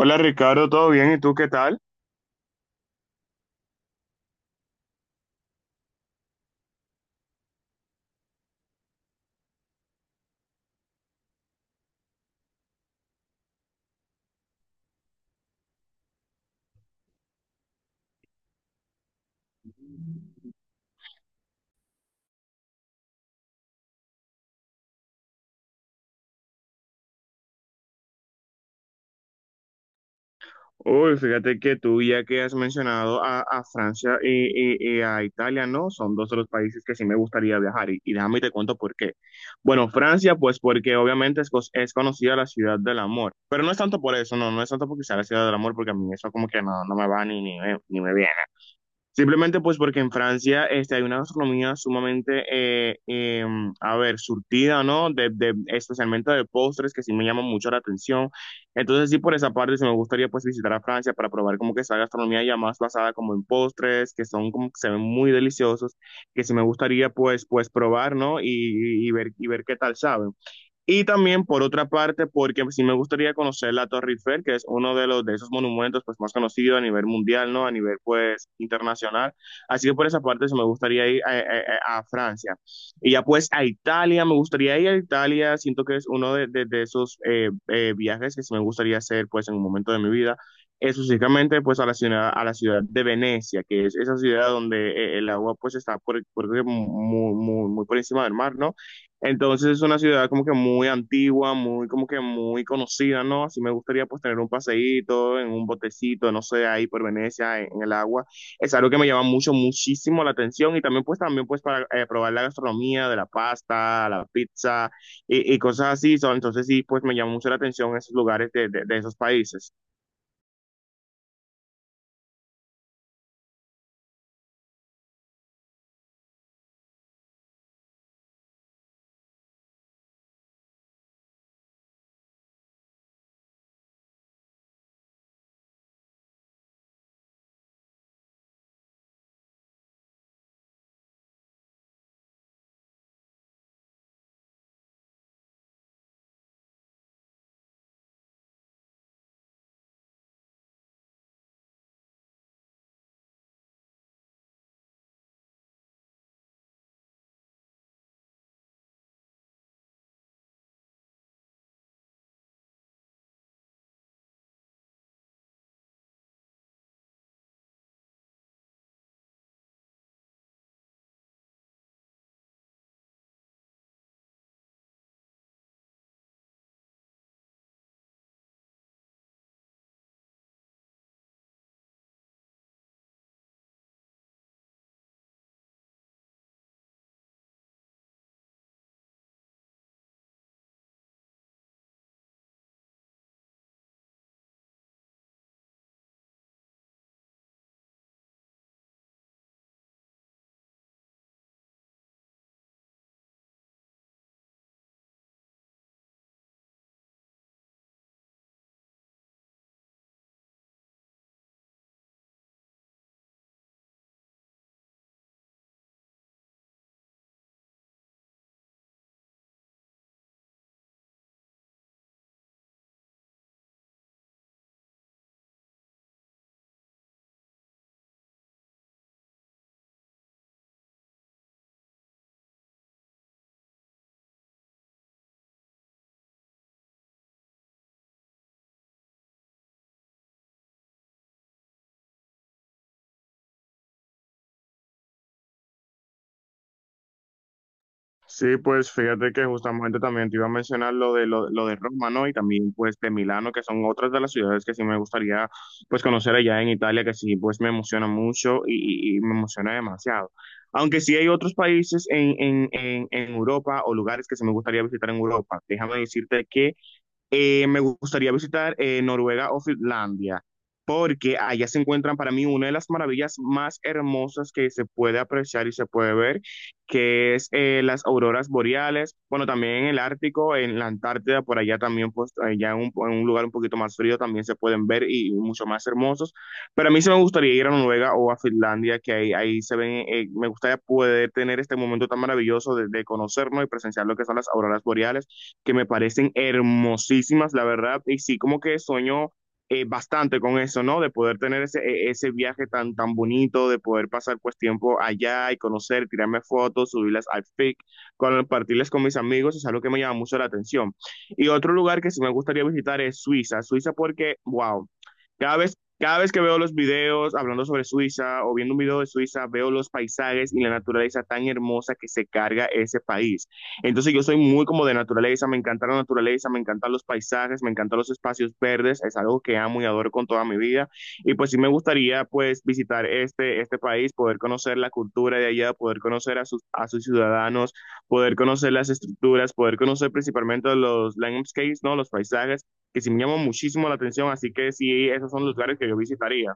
Hola Ricardo, ¿todo bien? ¿Y tú qué tal? Uy, fíjate que tú ya que has mencionado a Francia y a Italia, ¿no? Son dos de los países que sí me gustaría viajar y déjame te cuento por qué. Bueno, Francia, pues porque obviamente es conocida la ciudad del amor, pero no es tanto por eso, no, no es tanto porque sea la ciudad del amor, porque a mí eso como que no, no me va ni me viene. Simplemente pues porque en Francia hay una gastronomía sumamente, a ver, surtida, ¿no? De especialmente de postres que sí me llaman mucho la atención. Entonces sí, por esa parte sí me gustaría pues visitar a Francia para probar como que esa gastronomía ya más basada como en postres, que son como que se ven muy deliciosos, que sí me gustaría pues probar, ¿no? Y ver qué tal saben. Y también, por otra parte, porque sí me gustaría conocer la Torre Eiffel, que es uno de los de esos monumentos pues más conocidos a nivel mundial, ¿no? A nivel pues internacional. Así que por esa parte sí me gustaría ir a Francia. Y ya pues a Italia, me gustaría ir a Italia. Siento que es uno de esos viajes que sí me gustaría hacer pues en un momento de mi vida. Específicamente pues a la ciudad de Venecia, que es esa ciudad donde el agua pues está muy, muy, muy por encima del mar, ¿no? Entonces es una ciudad como que muy antigua, muy como que muy conocida, ¿no? Así me gustaría pues tener un paseíto en un botecito, no sé, ahí por Venecia, en el agua. Es algo que me llama mucho, muchísimo la atención y también pues para probar la gastronomía de la pasta, la pizza y cosas así. Son Entonces sí, pues me llama mucho la atención esos lugares de esos países. Sí, pues fíjate que justamente también te iba a mencionar lo de Roma, ¿no? Y también pues de Milano, que son otras de las ciudades que sí me gustaría pues conocer allá en Italia, que sí pues me emociona mucho y me emociona demasiado. Aunque sí hay otros países en Europa o lugares que sí me gustaría visitar en Europa. Déjame decirte que me gustaría visitar Noruega o Finlandia, porque allá se encuentran para mí una de las maravillas más hermosas que se puede apreciar y se puede ver, que es las auroras boreales, bueno, también en el Ártico, en la Antártida, por allá también, pues allá en un lugar un poquito más frío también se pueden ver y mucho más hermosos, pero a mí sí me gustaría ir a Noruega o a Finlandia, que ahí se ven, me gustaría poder tener este momento tan maravilloso de conocernos y presenciar lo que son las auroras boreales que me parecen hermosísimas, la verdad, y sí, como que sueño bastante con eso, ¿no? De poder tener ese viaje tan, tan bonito, de poder pasar pues tiempo allá y conocer, tirarme fotos, subirlas al FIC, compartirlas con mis amigos, es algo que me llama mucho la atención. Y otro lugar que sí me gustaría visitar es Suiza, Suiza porque, wow, cada vez que veo los videos hablando sobre Suiza o viendo un video de Suiza, veo los paisajes y la naturaleza tan hermosa que se carga ese país. Entonces yo soy muy como de naturaleza, me encanta la naturaleza, me encantan los paisajes, me encantan los espacios verdes, es algo que amo y adoro con toda mi vida. Y pues sí me gustaría pues visitar este país, poder conocer la cultura de allá, poder conocer a sus ciudadanos, poder conocer las estructuras, poder conocer principalmente los landscapes, ¿no? Los paisajes, que sí me llaman muchísimo la atención, así que sí, esos son los lugares que yo visitaría.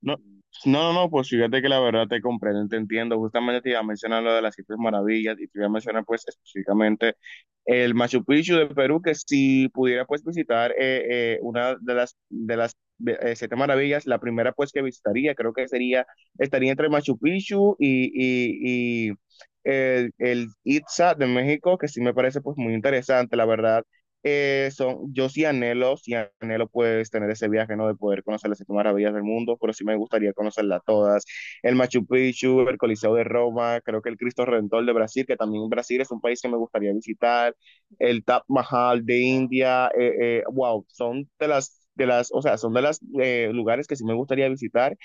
No, no, no, no, pues fíjate que la verdad te comprendo, te entiendo. Justamente te iba a mencionar lo de las siete maravillas y te iba a mencionar pues específicamente el Machu Picchu de Perú, que si pudiera pues visitar una de las siete maravillas, la primera pues que visitaría, creo que sería, estaría entre Machu Picchu y el Itza de México, que sí me parece pues muy interesante, la verdad yo sí anhelo pues tener ese viaje, ¿no? De poder conocer las siete maravillas del mundo, pero sí me gustaría conocerlas todas. El Machu Picchu, el Coliseo de Roma, creo que el Cristo Redentor de Brasil, que también Brasil es un país que me gustaría visitar, el Taj Mahal de India, wow, son de las, o sea, son de los lugares que sí me gustaría visitar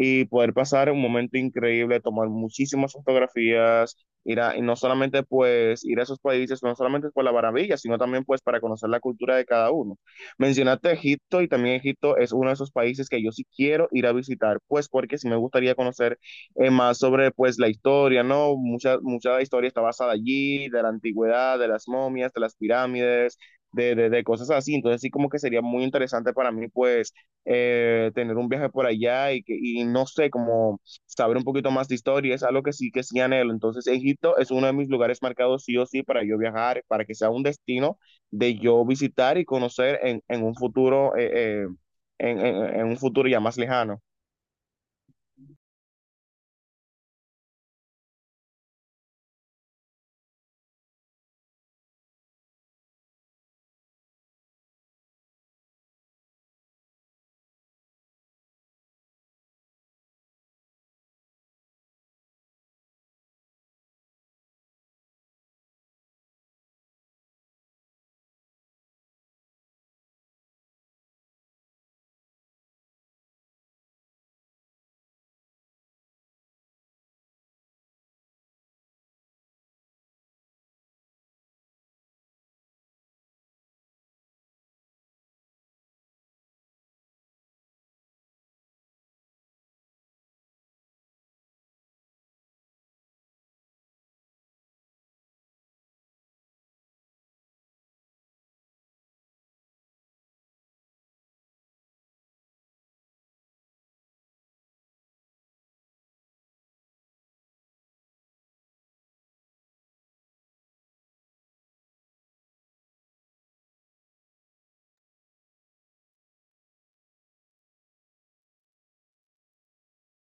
y poder pasar un momento increíble, tomar muchísimas fotografías, y no solamente pues ir a esos países, no solamente por la maravilla, sino también pues para conocer la cultura de cada uno. Mencionaste Egipto y también Egipto es uno de esos países que yo sí quiero ir a visitar, pues porque sí me gustaría conocer más sobre pues la historia, ¿no? Mucha, mucha historia está basada allí, de la antigüedad, de las momias, de las pirámides, cosas así. Entonces sí como que sería muy interesante para mí pues tener un viaje por allá y no sé, como saber un poquito más de historia, es algo que sí anhelo. Entonces, Egipto es uno de mis lugares marcados sí o sí para yo viajar, para que sea un destino de yo visitar y conocer en un futuro, en un futuro ya más lejano.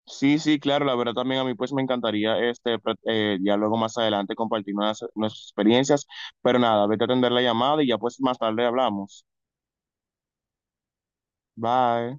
Sí, sí, claro, la verdad también a mí pues me encantaría ya luego más adelante compartir nuestras experiencias, pero nada, vete a atender la llamada y ya pues más tarde hablamos. Bye.